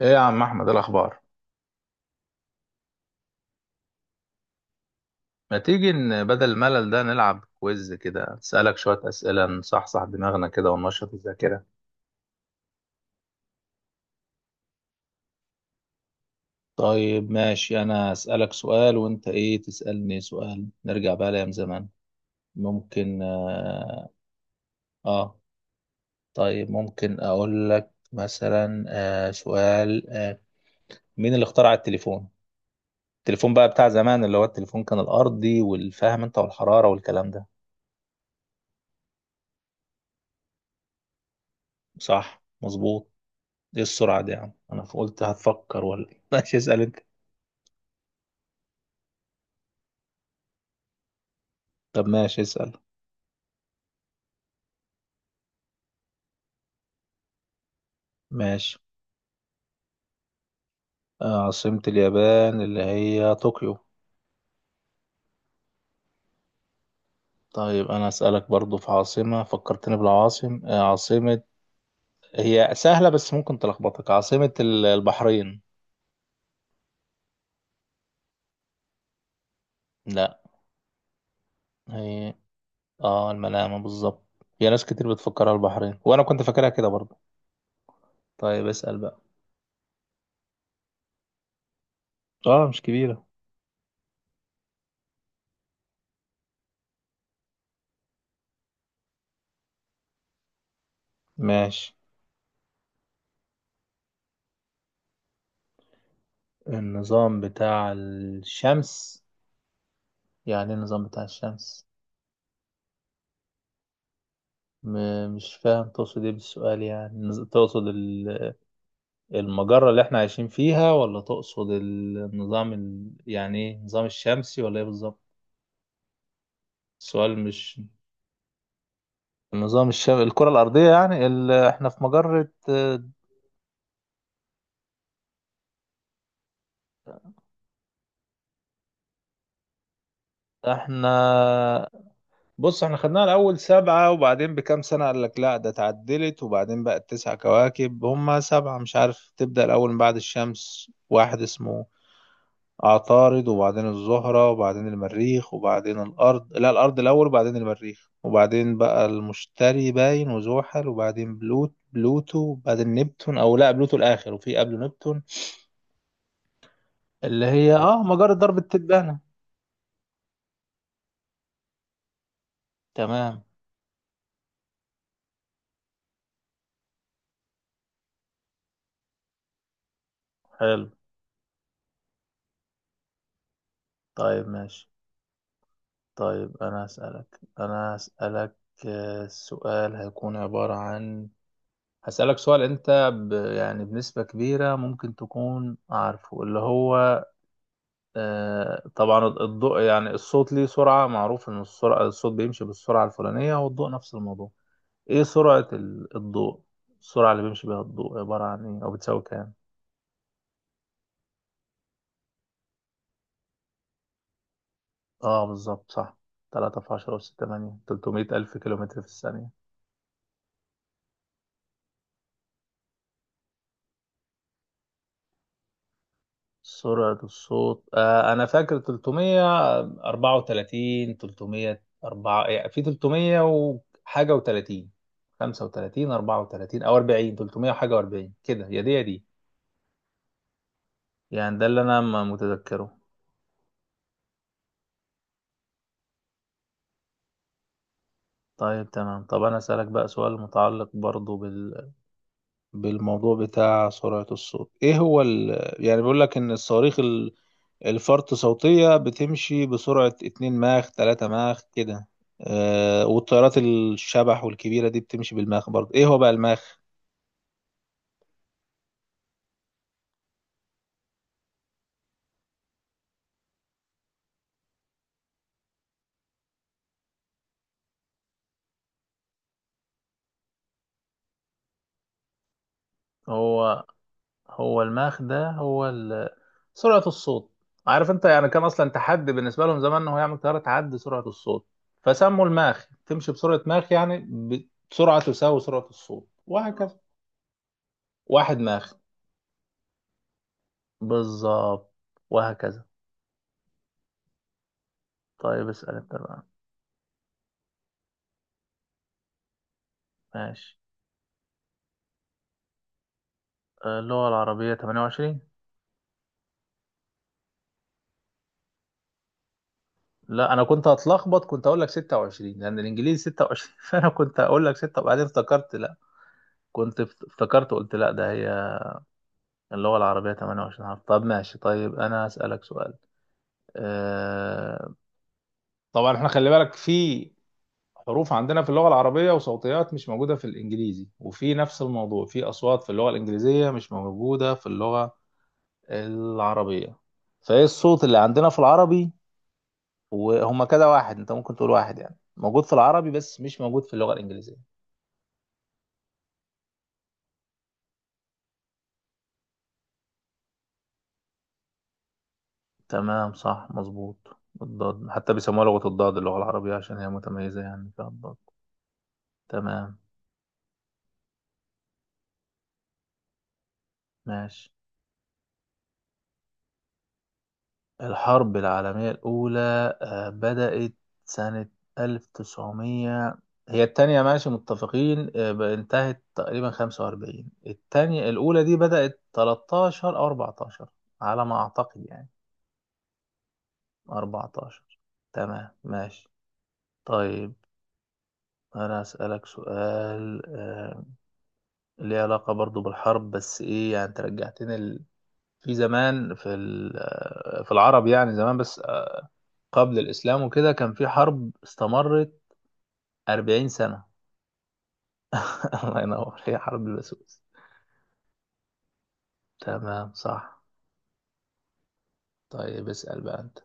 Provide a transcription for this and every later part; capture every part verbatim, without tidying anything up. ايه يا عم احمد؟ إيه الاخبار؟ ما تيجي ن- بدل الملل ده نلعب كويز كده، اسالك شويه اسئله، نصحصح دماغنا كده وننشط الذاكره. طيب ماشي، أنا أسألك سؤال وأنت إيه تسألني سؤال، نرجع بقى لأيام زمان. ممكن؟ آه, آه طيب، ممكن أقول لك مثلا آه سؤال. آه مين اللي اخترع التليفون؟ التليفون بقى بتاع زمان، اللي هو التليفون كان الأرضي، والفاهم أنت والحرارة والكلام ده. صح، مظبوط. ايه السرعة دي يا عم؟ انا قلت هتفكر ولا إيه؟ ماشي، اسأل انت. طب ماشي، اسأل. ماشي. آه، عاصمة اليابان اللي هي طوكيو. طيب انا اسألك برضو في عاصمة، فكرتني بالعاصم، آه، عاصمة، هي سهلة بس ممكن تلخبطك. عاصمة ال- البحرين. لا. هي اه المنامة بالظبط. في ناس كتير بتفكرها البحرين، وانا كنت فاكرها كده برضو. طيب اسأل بقى. اه مش كبيرة. ماشي. النظام بتاع الشمس؟ يعني ايه النظام بتاع الشمس؟ م- مش فاهم تقصد ايه بالسؤال، يعني نز- تقصد ال- المجرة اللي احنا عايشين فيها، ولا تقصد النظام ال... يعني ايه، النظام الشمسي ولا ايه بالظبط؟ السؤال مش. النظام الشمسي، الكرة الأرضية، يعني ال... احنا في مجرة. اه، احنا. بص، احنا خدناها الأول سبعة، وبعدين بكام سنة قال لك لا ده اتعدلت، وبعدين بقت تسع كواكب. هما سبعة، مش عارف. تبدأ الأول من بعد الشمس، واحد اسمه عطارد، وبعدين الزهرة، وبعدين المريخ، وبعدين الأرض. لا، الأرض الأول وبعدين المريخ، وبعدين بقى المشتري باين وزحل، وبعدين بلوت بلوتو، وبعدين نبتون، أو لا بلوتو الآخر وفي قبله نبتون. اللي هي اه مجرة درب التبانة. تمام. حلو. طيب ماشي. طيب أنا هسألك أنا هسألك آه، السؤال هيكون عبارة عن، هسألك سؤال أنت ب... يعني بنسبة كبيرة ممكن تكون عارفه. اللي هو آه، طبعا الضوء، يعني الصوت ليه سرعة، معروف إن السرعة الصوت بيمشي بالسرعة الفلانية، والضوء نفس الموضوع. إيه سرعة ال- الضوء؟ السرعة اللي بيمشي بيها الضوء عبارة عن إيه، أو بتساوي كام؟ آه بالظبط، صح. تلاتة في عشرة وستة تمانية، تلتمية ألف كيلومتر في الثانية. سرعة الصوت، آه أنا فاكر تلتمية أربعة وتلاتين، تلتمية أربعة، يعني في تلتمية وحاجة وتلاتين، خمسة وتلاتين، أربعة وتلاتين أو أربعين، تلتمية وحاجة وأربعين، كده. يا دي يا دي. يعني ده اللي انا م- متذكره. طيب تمام. طب انا اسالك بقى سؤال متعلق برضو بال... بالموضوع بتاع سرعة الصوت. ايه هو ال... يعني بيقول لك ان الصواريخ ال- الفرط صوتية بتمشي بسرعة اتنين ماخ تلاتة ماخ كده. آه والطيارات الشبح والكبيرة دي بتمشي بالماخ برضو. ايه هو بقى الماخ؟ هو هو المخ ده، هو ال- سرعة الصوت. عارف انت يعني، كان اصلا تحدي بالنسبة لهم زمان ان هو يعمل طيارة تعدي سرعة الصوت، فسموا الماخ. تمشي بسرعة ماخ، يعني بسرعة تساوي سرعة الصوت، وهكذا. واحد ماخ، بالظبط، وهكذا. طيب اسأل انت بقى. ماشي. آه، اللغة العربية تمانية وعشرين. لا انا كنت هتلخبط، كنت اقول لك ستة وعشرين لان الانجليزي ستة وعشرين فانا كنت اقول لك ستة، وبعدين افتكرت لا. كنت افت- افتكرت، قلت لا ده هي. اللغة العربية تمانية وعشرين حرف. طب ماشي. طيب أنا هسألك سؤال. أه... طبعا احنا خلي بالك، في حروف عندنا في اللغة العربية وصوتيات مش موجودة في الإنجليزي، وفي نفس الموضوع في أصوات في اللغة الإنجليزية مش موجودة في اللغة العربية. فإيه الصوت اللي عندنا في العربي، وهما كده واحد، أنت ممكن تقول واحد يعني موجود في العربي بس مش موجود في اللغة الإنجليزية؟ تمام صح مظبوط. الضاد، حتى بيسموها لغة الضاد اللغة العربية عشان هي متميزة يعني فيها الضاد. تمام ماشي. الحرب العالمية الأولى آه، بدأت سنة ألف وتسعمية. هي التانية ماشي متفقين، آه، ب- انتهت تقريبا خمسة وأربعين. التانية. الأولى دي بدأت تلتاشر أو أربعتاشر على ما أعتقد يعني. أربعتاشر، تمام ماشي. طيب أنا أسألك سؤال، آه، ليه علاقة برضو بالحرب، بس إيه يعني أنت رجعتني ال... في زمان، في ال... آه، في العرب يعني زمان، بس قبل الإسلام وكده كان في حرب استمرت أربعين سنة. الله ينور، هي حرب البسوس. تمام صح. طيب اسأل بقى أنت.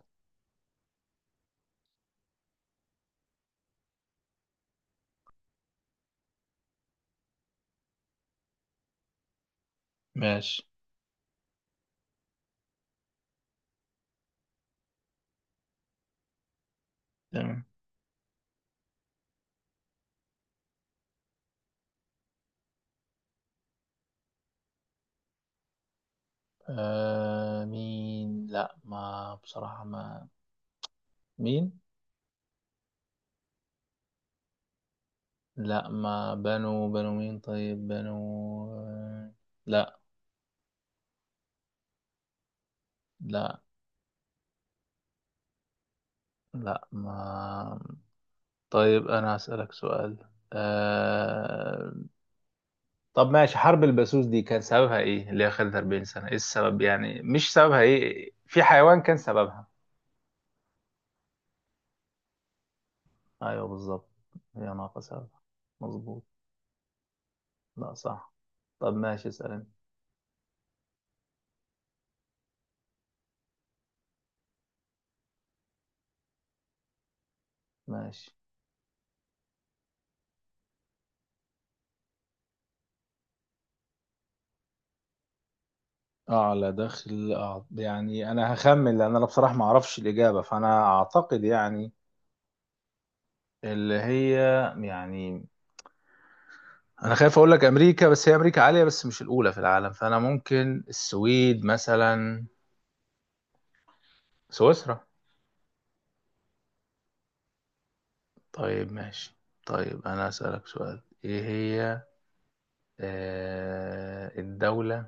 ماشي تمام. آه مين؟ لا ما بصراحة ما. مين؟ لا ما بنو. بنو مين؟ طيب بنو. آه، لا. لا. لا ما. طيب أنا هسألك سؤال. آه... طب ماشي، حرب البسوس دي كان سببها ايه، اللي هي خلت أربعين سنة؟ ايه السبب يعني؟ مش سببها ايه؟ في حيوان كان سببها. ايوه بالظبط. هي ناقص هذا، مظبوط. لا صح. طب ماشي، اسأل انت. ماشي. أعلى دخل. أع- يعني أنا هخمن لأن أنا بصراحة ما أعرفش الإجابة، فأنا أعتقد يعني. اللي هي يعني، أنا خايف أقول لك أمريكا، بس هي أمريكا عالية بس مش الأولى في العالم، فأنا ممكن السويد مثلا. سويسرا. طيب ماشي. طيب أنا أسألك سؤال، إيه هي آه الدولة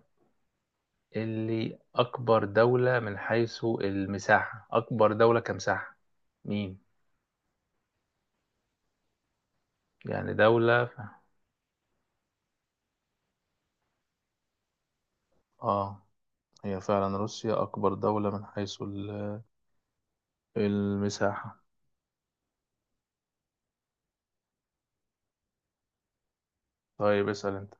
اللي أكبر دولة من حيث المساحة، أكبر دولة كمساحة؟ مين؟ يعني دولة ف... آه هي فعلا روسيا أكبر دولة من حيث ال- المساحة. طيب اسأل أنت.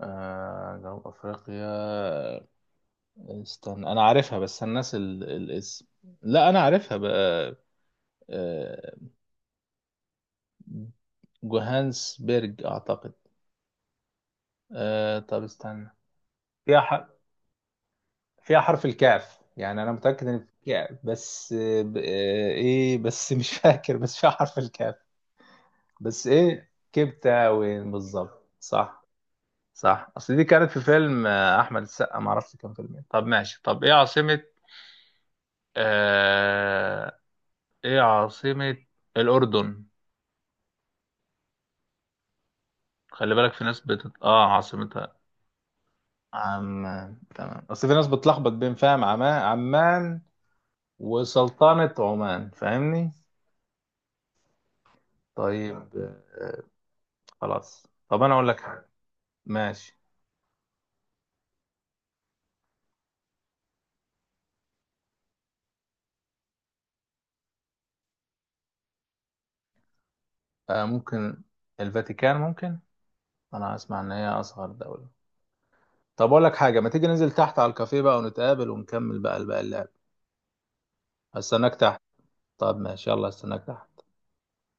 آه جنوب أفريقيا، استنى أنا عارفها بس الناس ال... الاسم. لا أنا عارفها بقى. آه... آه، جوهانسبرج أعتقد. آه طب استنى، فيها ح... فيها حرف الكاف، يعني انا متاكد ان فيها كاف. بس آه، ب- آه، ايه بس مش فاكر، بس فيها حرف الكاف. بس ايه، كبته وين، بالظبط صح. صح، اصل دي كانت في فيلم آه، احمد السقا، ما اعرفش كان فيلم ايه. طب ماشي. طب ايه عاصمه. آه... ايه عاصمه الاردن؟ خلي بالك في ناس بتت... اه عاصمتها عمان. تمام، اصل في ناس بتلخبط بين، فاهم، عمان، عمان وسلطنه عمان، فاهمني؟ طيب آه، خلاص. طب انا اقول لك حاجه. ماشي. آه ممكن الفاتيكان ممكن. انا اسمع ان هي اصغر دوله. طب اقول لك حاجه، ما تيجي ننزل تحت على الكافيه بقى ونتقابل ونكمل بقى الباقي اللعب. هستناك تحت. طب ماشي، يلا، هستناك تحت.